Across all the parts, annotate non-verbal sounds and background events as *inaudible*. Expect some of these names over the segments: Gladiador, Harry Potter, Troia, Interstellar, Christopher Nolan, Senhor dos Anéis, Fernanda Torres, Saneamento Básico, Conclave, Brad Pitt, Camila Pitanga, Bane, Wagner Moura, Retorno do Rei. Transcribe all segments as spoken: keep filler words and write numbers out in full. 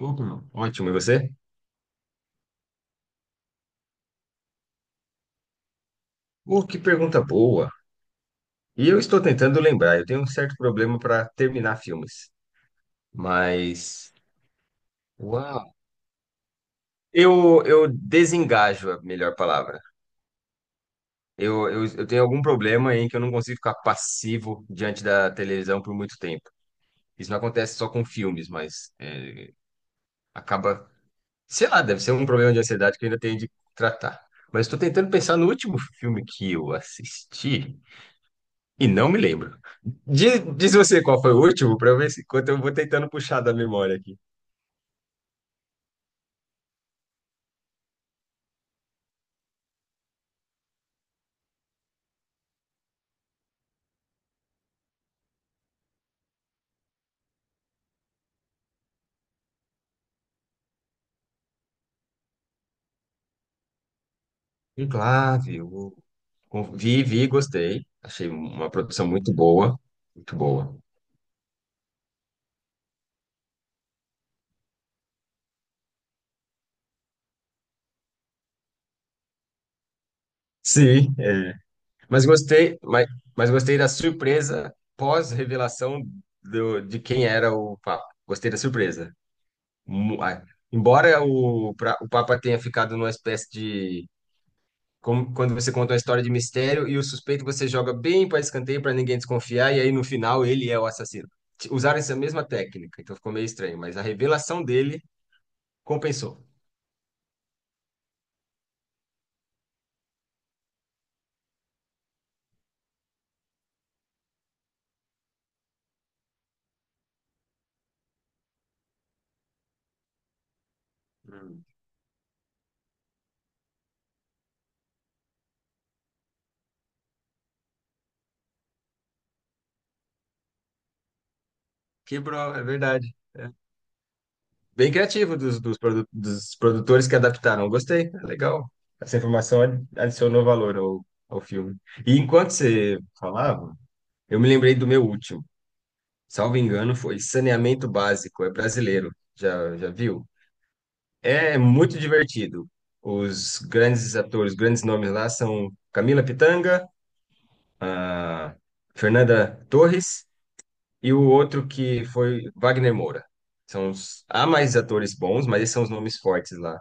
Uhum, Ótimo, e você? Uh, que pergunta boa! E eu estou tentando lembrar, eu tenho um certo problema para terminar filmes, mas. Uau! Eu, eu desengajo a melhor palavra. Eu, eu, eu tenho algum problema em que eu não consigo ficar passivo diante da televisão por muito tempo. Isso não acontece só com filmes, mas é, acaba. Sei lá, deve ser um problema de ansiedade que eu ainda tenho de tratar. Mas estou tentando pensar no último filme que eu assisti. E não me lembro. Diz, diz você qual foi o último, para eu ver se enquanto eu vou tentando puxar da memória aqui. Conclave, eu con- vi, vi, gostei. Achei uma produção muito boa, muito boa. Sim, é. Mas gostei, mas, mas gostei da surpresa pós-revelação do- de quem era o Papa. Gostei da surpresa. Mu- a- Embora o, pra- o Papa tenha ficado numa espécie de como quando você conta uma história de mistério e o suspeito você joga bem para escanteio para ninguém desconfiar e aí no final ele é o assassino. T- Usaram essa mesma técnica, então ficou meio estranho, mas a revelação dele compensou. Hum. Quebrou, é verdade. É. Bem criativo dos, dos, produ- dos produtores que adaptaram. Gostei, é legal. Essa informação ad- adicionou valor ao, ao filme. E enquanto você falava, eu me lembrei do meu último. Salvo engano, foi Saneamento Básico, é brasileiro. Já, já viu? É muito divertido. Os grandes atores, grandes nomes lá são Camila Pitanga, a Fernanda Torres e o outro que foi Wagner Moura. São os... Há mais atores bons, mas esses são os nomes fortes lá.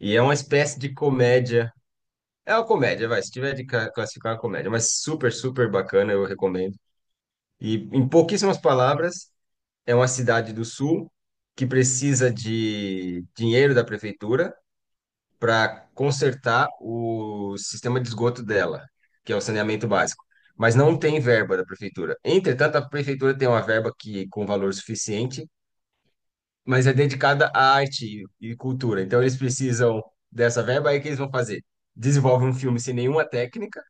E é uma espécie de comédia. É uma comédia, vai. Se tiver de ca- classificar uma comédia, mas super, super bacana, eu recomendo. E em pouquíssimas palavras, é uma cidade do sul que precisa de dinheiro da prefeitura para consertar o sistema de esgoto dela, que é o saneamento básico. Mas não tem verba da prefeitura. Entretanto, a prefeitura tem uma verba que com valor suficiente, mas é dedicada à arte e cultura. Então, eles precisam dessa verba. Aí, o que eles vão fazer? Desenvolve um filme sem nenhuma técnica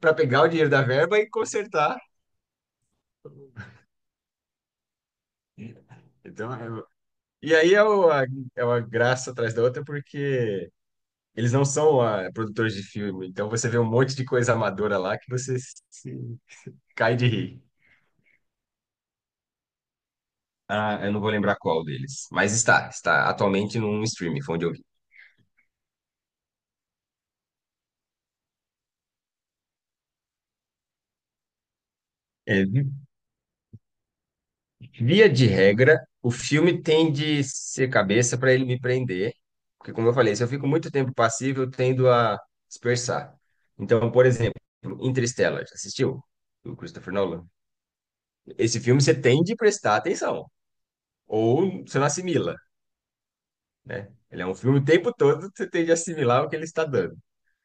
para pegar o dinheiro da verba e consertar. Então, é- e aí é uma, é uma graça atrás da outra, porque eles não são ah, produtores de filme. Então, você vê um monte de coisa amadora lá que você se Cai de rir. Ah, eu não vou lembrar qual deles. Mas está, está atualmente num streaming, foi onde eu vi. É, vi- Via de regra, o filme tem de ser cabeça para ele me prender. Porque, como eu falei, se eu fico muito tempo passivo, eu tendo a dispersar. Então, por exemplo, Interstellar, já assistiu? Do Christopher Nolan. Esse filme você tem de prestar atenção. Ou você não assimila, né? Ele é um filme o tempo todo, você tem de assimilar o que ele está dando.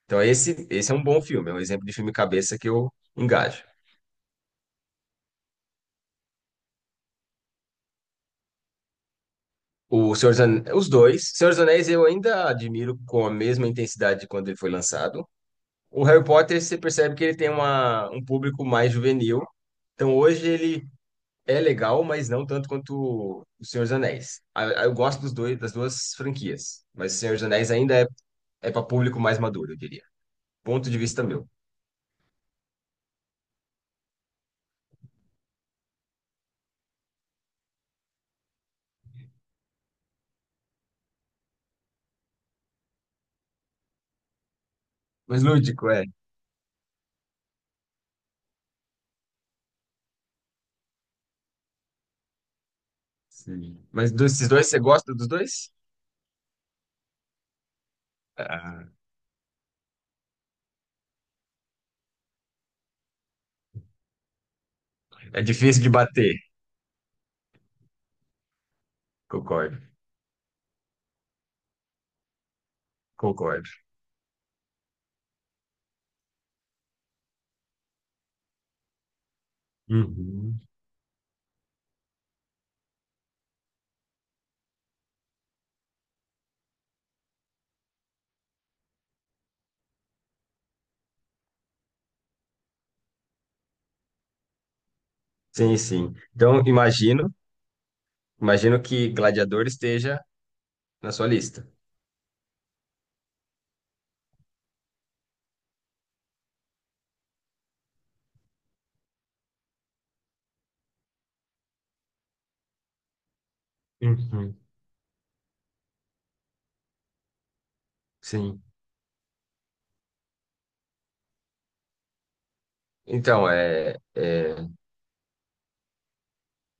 Então, esse, esse é um bom filme, é um exemplo de filme cabeça que eu engajo. O Senhor dos Ane- os dois. Senhor dos Anéis eu ainda admiro com a mesma intensidade de quando ele foi lançado. O Harry Potter, você percebe que ele tem uma, um público mais juvenil. Então hoje ele é legal, mas não tanto quanto o Senhor dos Anéis. Ah, Eu gosto dos dois, das duas franquias, mas o Senhor dos Anéis ainda é, é para público mais maduro, eu diria. Ponto de vista meu. Mas lúdico, é. Sim. Mas desses dois, você gosta dos dois? Ah, é difícil de bater. Concordo, concordo. Uhum. Sim, sim. Então, imagino, imagino que Gladiador esteja na sua lista. Uhum. Sim. Então, é, é,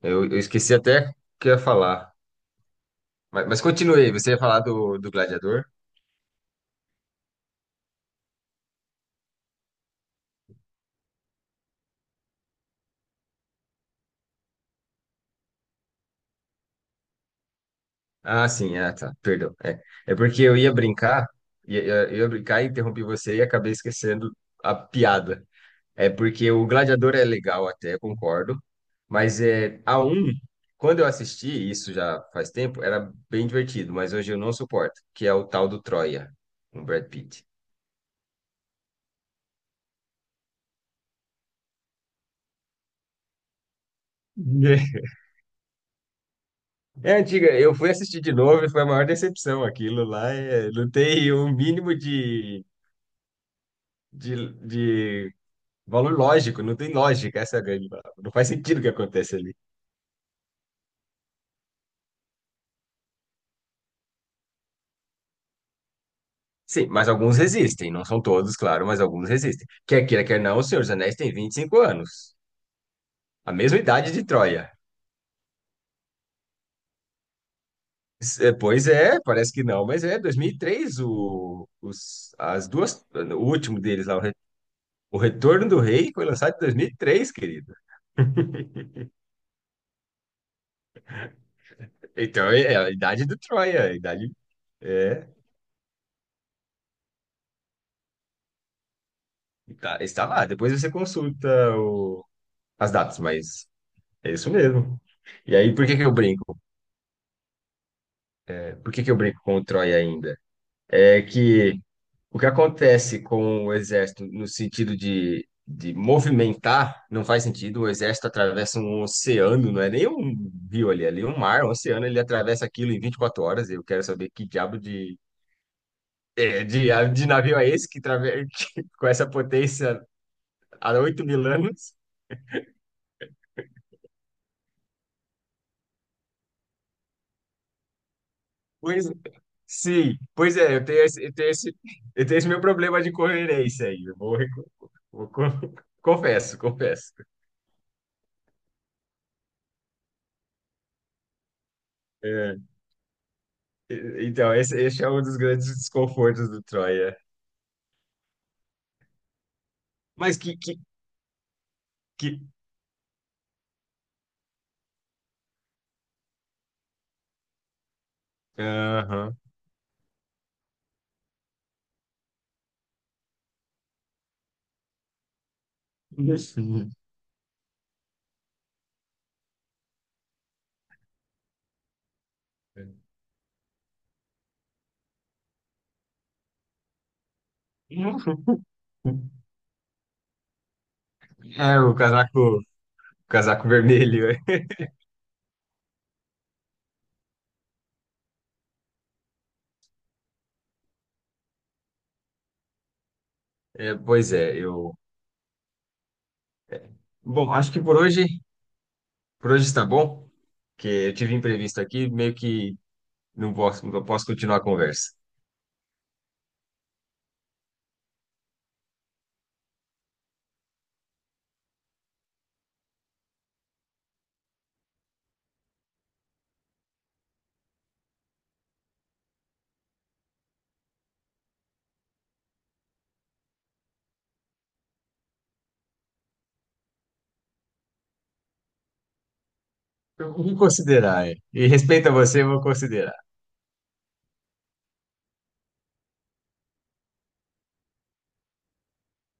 eu, eu esqueci até o que eu ia falar. Mas, mas continuei, você ia falar do, do Gladiador? Ah, sim, ah, tá, perdão. É, é porque eu ia brincar, ia, ia- eu ia brincar e interrompi você e acabei esquecendo a piada. É porque o Gladiador é legal até, concordo. Mas é a um, quando eu assisti, isso já faz tempo, era bem divertido, mas hoje eu não suporto, que é o tal do Troia, com o Brad Pitt. *laughs* É antiga, eu fui assistir de novo e foi a maior decepção. Aquilo lá é, não tem um mínimo de, de, de valor lógico, não tem lógica, essa é a grande palavra. Não faz sentido o que acontece ali. Sim, mas alguns resistem, não são todos, claro, mas alguns resistem. Quer queira, quer não, o Senhor dos Anéis tem vinte e cinco anos. A mesma idade de Troia. S- é, Pois é, parece que não, mas é dois mil e três o, os, as duas, o último deles lá, o, Re- o Retorno do Rei foi lançado em dois mil e três, querido. Então é é a idade do Troia, a idade é, tá- está lá. Depois você consulta o- as datas, mas é isso mesmo. E aí, por que que eu brinco? Por que que eu brinco com o Troia ainda? É que o que acontece com o exército no sentido de, de movimentar não faz sentido. O exército atravessa um oceano, não é nem um rio ali, é ali é um mar, um oceano, ele atravessa aquilo em vinte e quatro horas. Eu quero saber que diabo de, é, de, de navio é esse que, trave- *laughs* que com essa potência há oito mil anos. Pois, sim, pois é, eu tenho esse, eu tenho esse, eu tenho esse meu problema de coerência aí. Eu vou, recu- vou, con- *laughs* confesso, confesso. É. E- Então, esse, esse é um dos grandes desconfortos do Troia. Mas que, que, que... Aham. *laughs* É, o casaco, o casaco vermelho. É, pois é, eu... Bom, acho que por hoje, por hoje está bom, porque eu tive imprevisto aqui, meio que não posso, não posso continuar a conversa. Eu vou considerar, é. E respeito a você, eu vou considerar.